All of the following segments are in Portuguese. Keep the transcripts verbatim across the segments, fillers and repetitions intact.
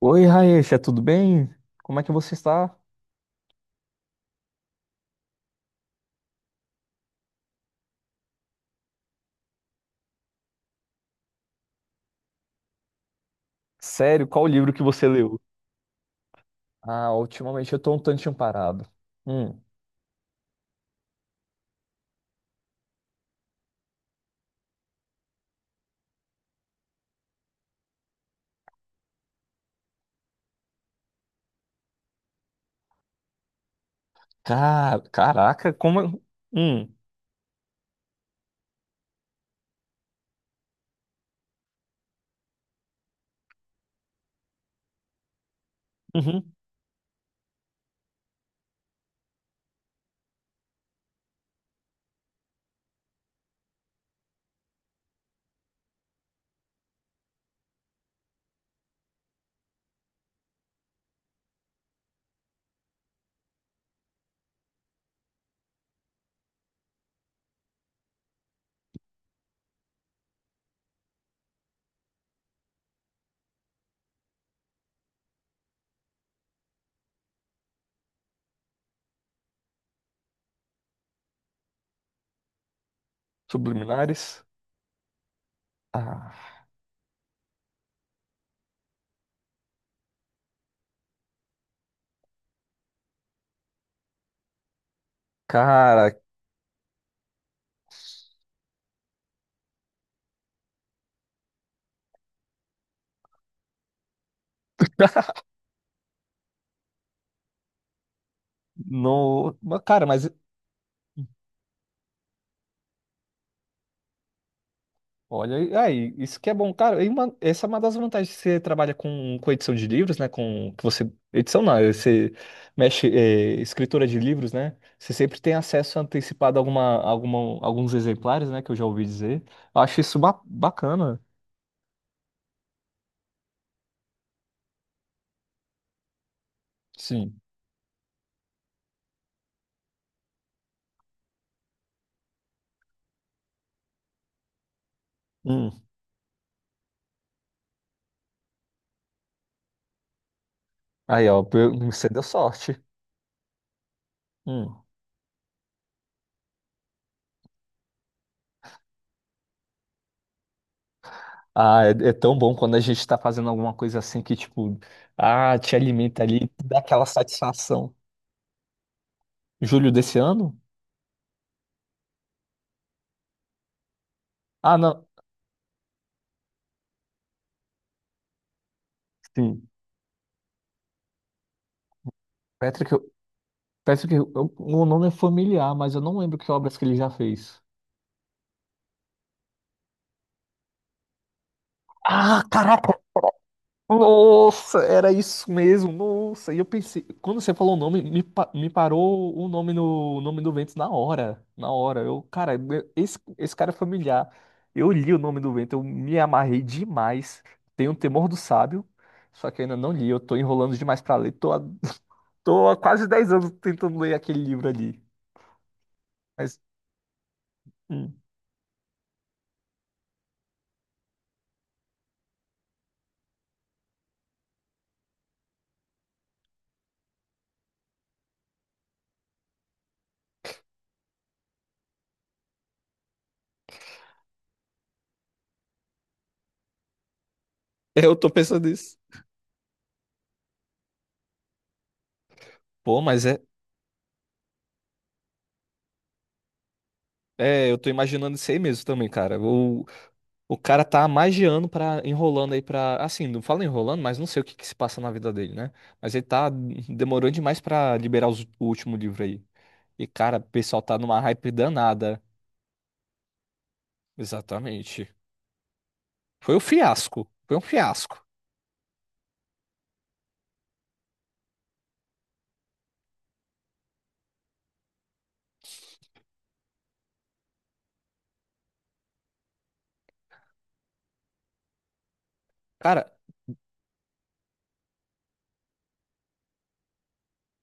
Oi, Raíssa, tudo bem? Como é que você está? Sério, qual o livro que você leu? Ah, ultimamente eu tô um tantinho parado. Hum, Ca- Caraca, como... Hum, uhum. Subliminares? Ah, cara, não. Mas, cara, mas olha, e- aí, isso que é bom, cara. E uma- essa é uma das vantagens, que você trabalha com, com edição de livros, né? Com que você edição não, é você mexe é, escritora de livros, né? Você sempre tem acesso antecipado a alguma, alguma, alguns exemplares, né? Que eu já ouvi dizer. Eu acho isso ba- bacana. Sim. Hum. Aí, ó, pe- você deu sorte. Hum. Ah, é, é tão bom quando a gente tá fazendo alguma coisa assim que tipo, ah, te alimenta ali, dá aquela satisfação. Julho desse ano? Ah, não. Sim. Patrick. Parece que eu- o nome é familiar, mas eu não lembro que obras que ele já fez. Ah, caraca! Nossa, era isso mesmo. Nossa, e eu pensei, quando você falou o nome, me, pa- me parou o nome no o nome do Vento na hora, na hora. Eu, cara, esse, esse cara é familiar. Eu li o nome do Vento, eu me amarrei demais. Tenho o Temor do Sábio, só que eu ainda não li. Eu tô enrolando demais pra ler. Tô há, tô há quase dez anos tentando ler aquele livro ali. Mas hum, eu tô pensando nisso. Pô, mas é é, eu tô imaginando isso aí mesmo também, cara. O, o cara tá há mais de ano pra, enrolando aí pra. Assim, não fala enrolando, mas não sei o que que se passa na vida dele, né? Mas ele tá demorando demais pra liberar os- o último livro aí. E, cara, o pessoal tá numa hype danada. Exatamente. Foi um fiasco. Foi um fiasco. Cara,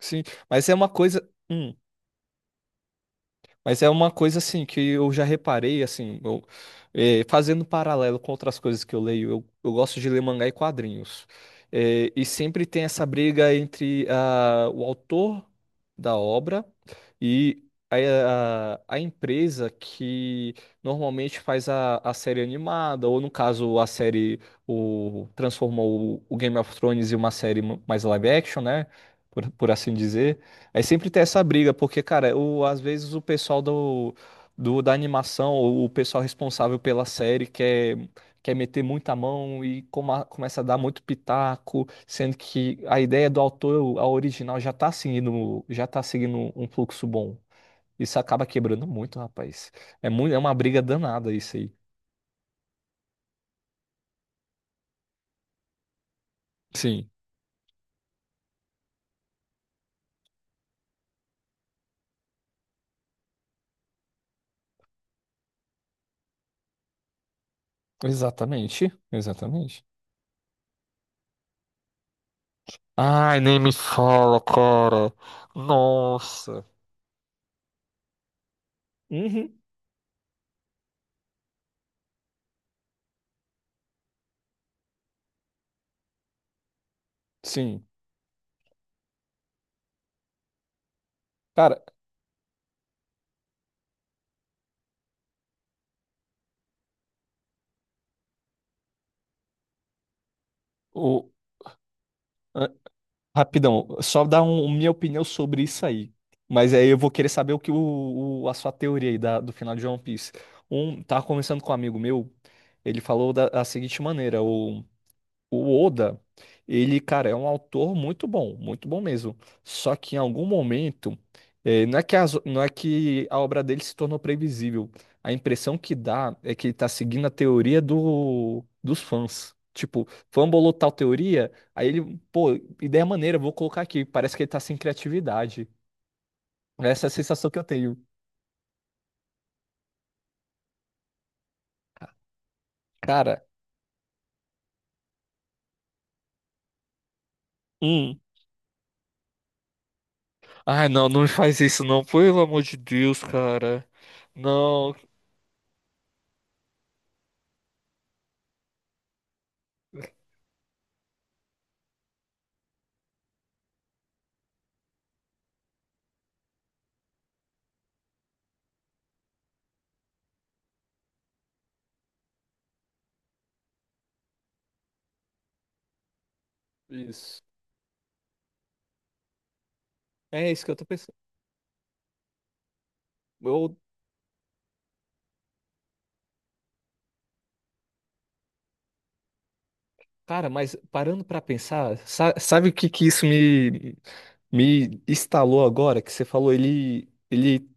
sim, mas é uma coisa. hum, Mas é uma coisa assim que eu já reparei, assim, eu- eh, fazendo paralelo com outras coisas que eu leio, eu, eu gosto de ler mangá e quadrinhos. Eh, e sempre tem essa briga entre ah, o autor da obra e a, a, a empresa que normalmente faz a, a série animada, ou no caso, a série o, transformou o, o Game of Thrones em uma série ma- mais live action, né? Por, por assim dizer. Aí sempre tem essa briga, porque, cara, o, às vezes o pessoal do, do- da animação, ou o pessoal responsável pela série, quer, quer meter muita mão e coma- começa a dar muito pitaco, sendo que a ideia do autor, a original, já tá seguindo, já tá seguindo um fluxo bom. Isso acaba quebrando muito, rapaz. É muito, é uma briga danada isso aí. Sim, exatamente, exatamente. Ai, nem me fala, cara. Nossa. Uhum. Sim. Cara, ah, rapidão, só dar um, um, minha opinião sobre isso aí. Mas aí eu vou querer saber o que o, o- a sua teoria aí da- do final de One Piece. Um, tava conversando com um amigo meu, ele falou da, da seguinte maneira: o Oda, ele, cara, é um autor muito bom, muito bom mesmo. Só que em algum momento, eh, não é que as- não é que a obra dele se tornou previsível. A impressão que dá é que ele tá seguindo a teoria do, dos fãs. Tipo, fã bolou tal teoria, aí ele, pô, ideia maneira, vou colocar aqui. Parece que ele tá sem criatividade. Essa é a sensação que eu tenho. Cara, hum. Ai, não, não me faz isso, não. Pelo amor de Deus, cara. Não. Isso. É isso que eu tô pensando. Cara, mas parando pra pensar, sa- sabe o que que isso me me instalou agora? Que você falou, ele ele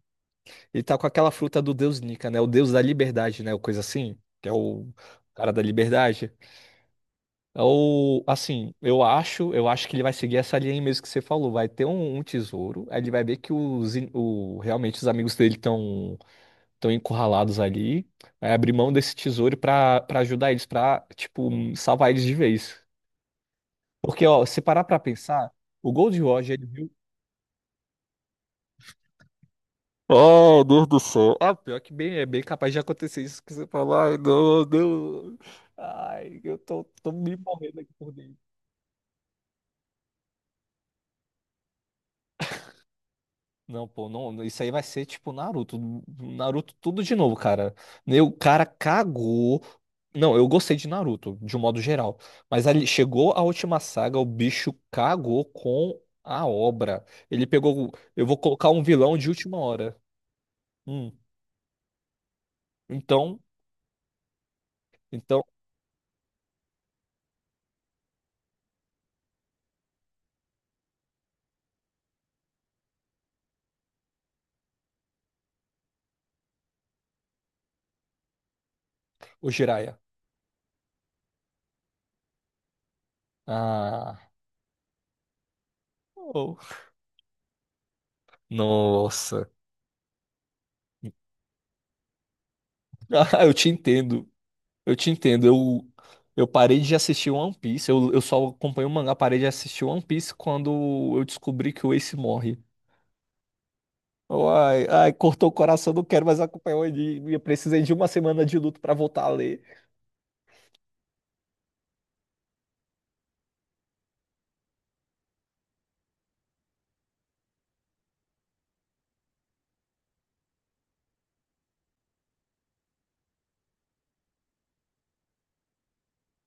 ele tá com aquela fruta do deus Nika, né? O deus da liberdade, né? O coisa assim, que é o cara da liberdade. É o assim, eu acho, eu acho que ele vai seguir essa linha aí mesmo que você falou. Vai ter um, um tesouro, aí ele vai ver que os in- o, realmente os amigos dele estão estão encurralados ali, vai abrir mão desse tesouro pra para ajudar eles, pra, tipo salvar eles de vez. Porque, ó, se parar pra pensar, o Gold Roger, ele viu. Oh, Deus do céu. Ah, pior que bem, é bem capaz de acontecer isso que você falou. Ai, não, não. Ai, eu tô, tô me morrendo aqui por dentro. Não, pô, não, não, isso aí vai ser tipo Naruto. Naruto tudo de novo, cara. Né, o cara cagou. Não, eu gostei de Naruto, de um modo geral. Mas ali chegou a última saga, o bicho cagou com a obra. Ele pegou. Eu vou colocar um vilão de última hora. Hum. Então. Então, o Jiraiya. Ah. Oh. Nossa. Ah, eu te entendo. Eu te entendo. Eu, eu parei de assistir One Piece. Eu, eu só acompanho o mangá. Parei de assistir One Piece quando eu descobri que o Ace morre. Ai, ai, cortou o coração, não quero mais acompanhar o anime. Eu precisei de uma semana de luto pra voltar a ler.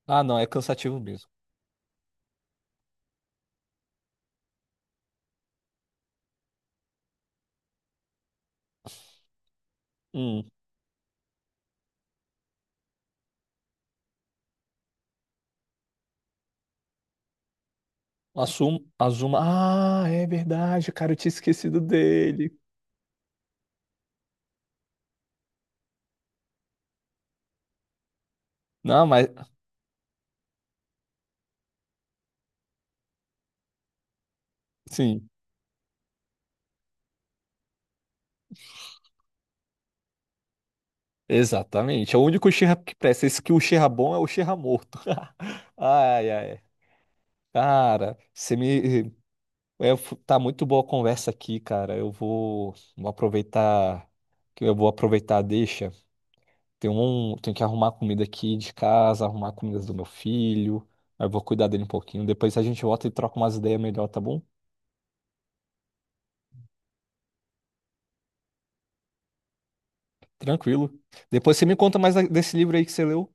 Ah, não, é cansativo mesmo. Hum. Assumo, Azuma. Ah, é verdade, cara, eu tinha esquecido dele. Não, mas sim. Exatamente. É o único Uchiha que presta. Esse que o Uchiha bom é o Uchiha morto. Ai, ai. Cara, você me. É, f- tá muito boa a conversa aqui, cara. Eu vou, vou aproveitar. Que Eu vou aproveitar a deixa. Tem um, tenho que arrumar comida aqui de casa, arrumar comidas do meu filho. Aí eu vou cuidar dele um pouquinho. Depois a gente volta e troca umas ideias melhor, tá bom? Tranquilo. Depois você me conta mais da- desse livro aí que você leu.